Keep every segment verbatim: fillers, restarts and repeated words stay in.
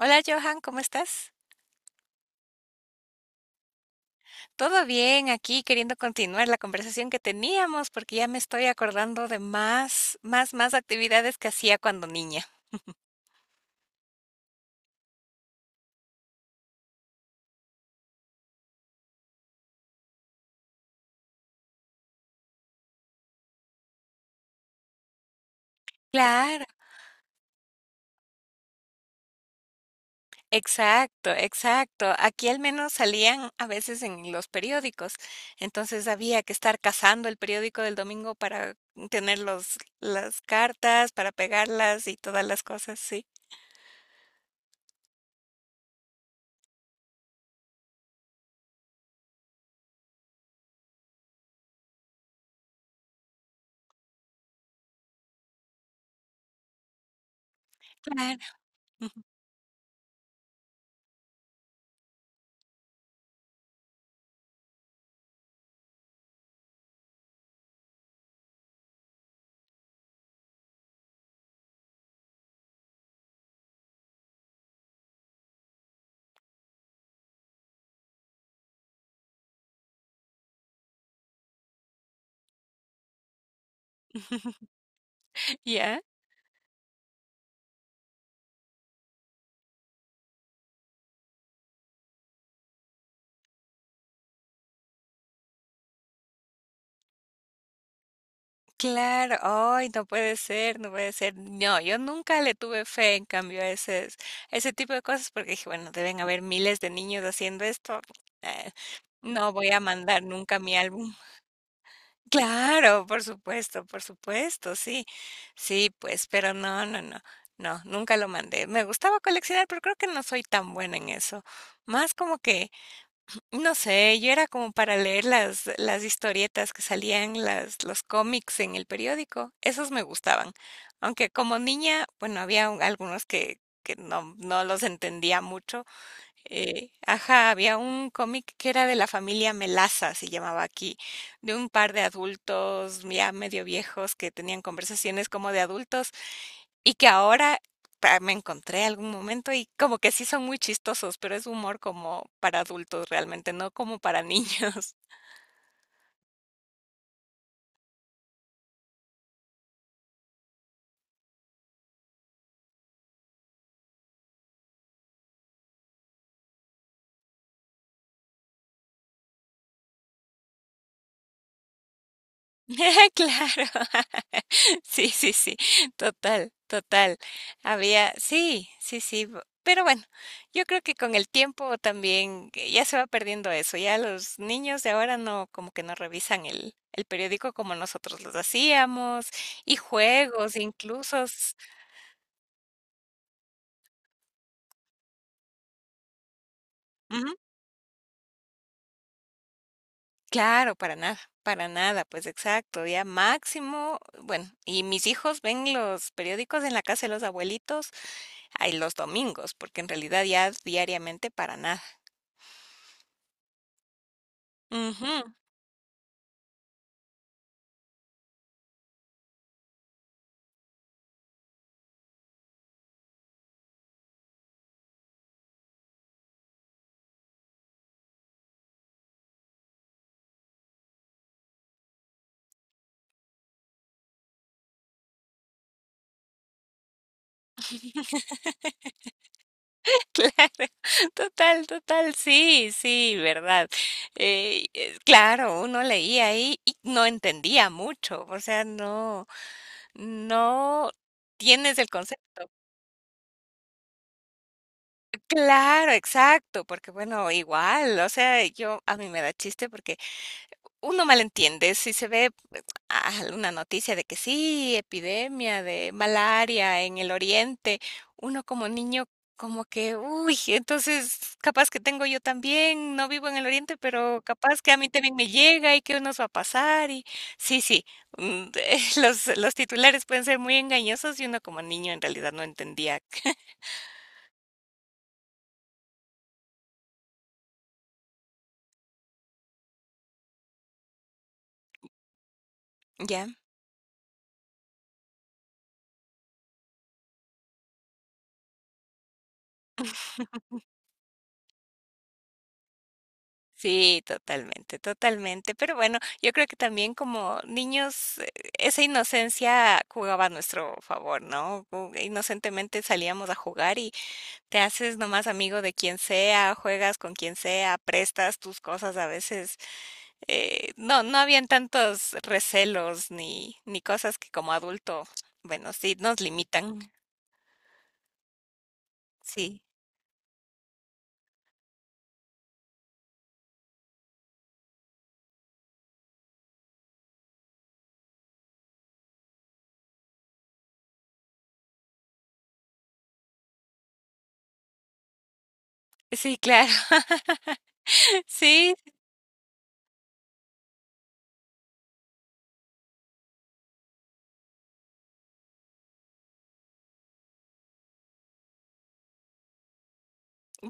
Hola Johan, ¿cómo estás? Todo bien, aquí queriendo continuar la conversación que teníamos porque ya me estoy acordando de más, más, más actividades que hacía cuando niña. Claro, exacto, exacto. Aquí al menos salían a veces en los periódicos, entonces había que estar cazando el periódico del domingo para tener los, las cartas, para pegarlas y todas las cosas, sí. Claro. ¿Ya? Claro, ay, no puede ser, no puede ser. No, yo nunca le tuve fe en cambio a ese, a ese tipo de cosas porque dije, bueno, deben haber miles de niños haciendo esto. eh, no voy a mandar nunca mi álbum. Claro, por supuesto, por supuesto, sí. Sí, pues, pero no, no, no. No, nunca lo mandé. Me gustaba coleccionar, pero creo que no soy tan buena en eso. Más como que no sé, yo era como para leer las, las historietas que salían, las, los cómics en el periódico, esos me gustaban. Aunque como niña, bueno, había un- algunos que, que no, no los entendía mucho. Eh, ajá, había un cómic que era de la familia Melaza, se llamaba aquí, de un par de adultos ya medio viejos que tenían conversaciones como de adultos y que ahora pa me encontré algún momento y como que sí son muy chistosos, pero es humor como para adultos realmente, no como para niños. Claro. Sí, sí, sí. Total, total. Había sí, sí, sí. bu- Pero bueno, yo creo que con el tiempo también eh, ya se va perdiendo eso. Ya los niños de ahora no, como que no revisan el, el periódico como nosotros los hacíamos, y juegos, incluso. Claro, para nada, para nada, pues exacto, ya máximo, bueno, y mis hijos ven los periódicos en la casa de los abuelitos, ay, los domingos, porque en realidad ya diariamente para nada. Ujú. Claro, total, total, sí, sí, verdad. Eh, eh, claro, uno leía ahí y no entendía mucho, o sea, no, no tienes el concepto. Claro, exacto, porque bueno, igual, o sea, yo a mí me da chiste porque uno malentiende, si se ve alguna noticia de que sí, epidemia de malaria en el oriente, uno como niño como que, uy, entonces capaz que tengo yo también, no vivo en el oriente, pero capaz que a mí también me llega y qué nos va a pasar y sí, sí, mm, los, los titulares pueden ser muy engañosos y uno como niño en realidad no entendía. ¿Ya? Sí, totalmente, totalmente. Pero bueno, yo creo que también como niños, eh, esa inocencia jugaba a nuestro favor, ¿no? Ju- Inocentemente salíamos a jugar y te haces nomás amigo de quien sea, juegas con quien sea, prestas tus cosas a veces. Eh, no, no habían tantos recelos ni, ni cosas que como adulto, bueno, sí, nos limitan. Sí, sí, claro. Sí,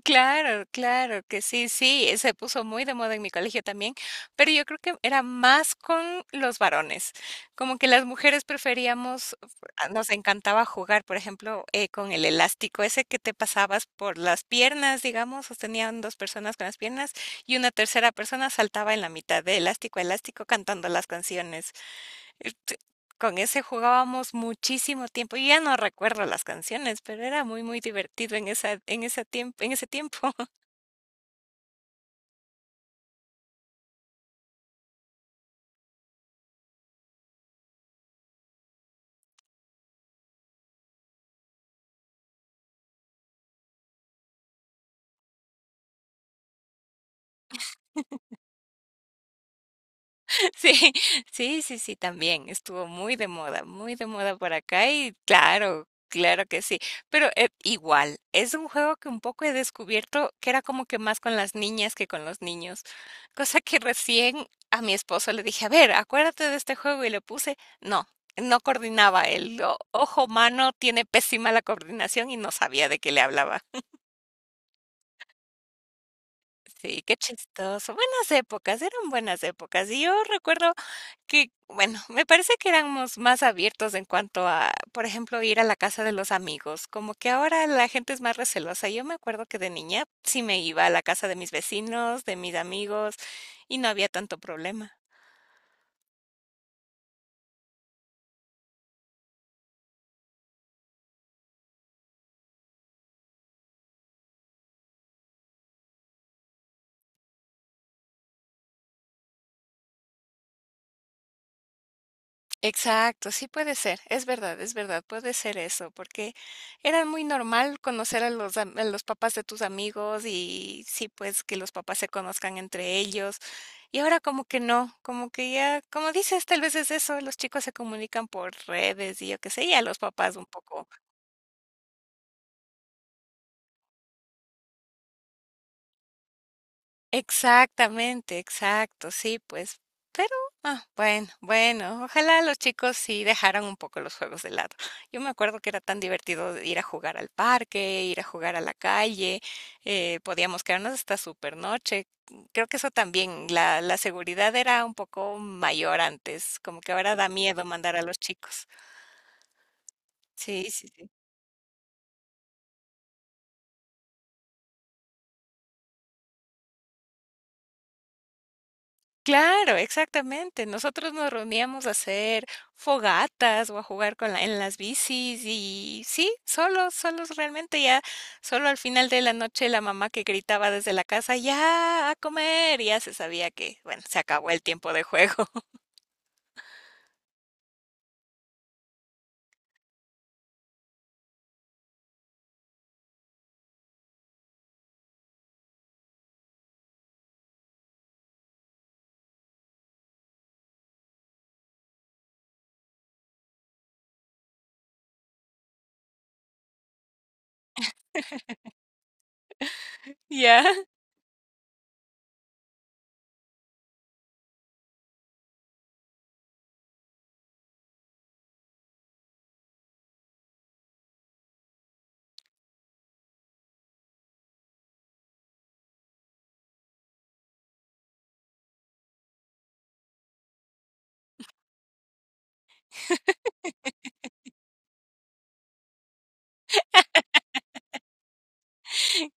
claro, claro que sí, sí, eh, se puso muy de moda en mi colegio también, pero yo creo que era más con los varones, como que las mujeres preferíamos, ah, nos encantaba jugar, por ejemplo, eh, con el elástico ese que te pasabas por las piernas, digamos, sostenían dos personas con las piernas y una tercera persona saltaba en la mitad de elástico a elástico cantando las canciones. Este, con ese jugábamos muchísimo tiempo. Yo ya no recuerdo las canciones, pero era muy, muy divertido en esa, en esa tiemp- en ese tiempo. Sí, sí, sí, sí, también estuvo muy de moda, muy de moda por acá y claro, claro que sí, pero eh, igual, es un juego que un poco he descubierto que era como que más con las niñas que con los niños, cosa que recién a mi esposo le dije, a ver, acuérdate de este juego y le puse, no, no coordinaba, el o- ojo humano tiene pésima la coordinación y no sabía de qué le hablaba. Sí, qué chistoso. Buenas épocas, eran buenas épocas. Y yo recuerdo que, bueno, me parece que éramos más abiertos en cuanto a, por ejemplo, ir a la casa de los amigos. Como que ahora la gente es más recelosa. Yo me acuerdo que de niña sí me iba a la casa de mis vecinos, de mis amigos, y no había tanto problema. Exacto, sí puede ser, es verdad, es verdad, puede ser eso, porque era muy normal conocer a los, am- a los papás de tus amigos y sí, pues que los papás se conozcan entre ellos. Y ahora como que no, como que ya, como dices, tal vez es eso, los chicos se comunican por redes y yo qué sé, y a los papás un poco. Exactamente, exacto, sí, pues, pero, ah, bueno, bueno, ojalá los chicos sí dejaran un poco los juegos de lado. Yo me acuerdo que era tan divertido ir a jugar al parque, ir a jugar a la calle, eh, podíamos quedarnos hasta súper noche. Creo que eso también, la, la seguridad era un poco mayor antes, como que ahora da miedo mandar a los chicos. Sí, sí, sí. Claro, exactamente. Nosotros nos reuníamos a hacer fogatas o a jugar con la- en las bicis y sí, solos, solos realmente ya, solo al final de la noche la mamá que gritaba desde la casa, ya a comer, ya se sabía que, bueno, se acabó el tiempo de juego. Ya.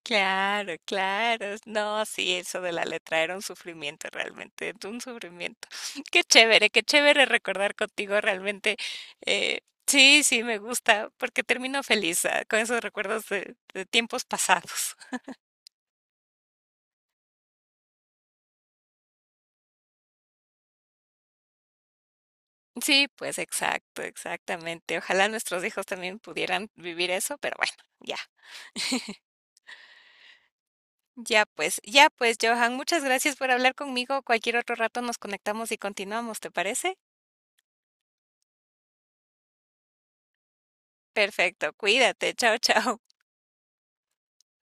Claro, claro. No, sí, eso de la letra era un sufrimiento realmente, un sufrimiento. Qué chévere, qué chévere recordar contigo realmente. Eh, sí, sí, me gusta, porque termino feliz, ah, con esos recuerdos de, de tiempos pasados. Sí, pues exacto, exactamente. Ojalá nuestros hijos también pudieran vivir eso, pero bueno, ya. Ya pues, ya pues, Johan, muchas gracias por hablar conmigo. Cualquier otro rato nos conectamos y continuamos, ¿te parece? Perfecto, cuídate, chao, chao.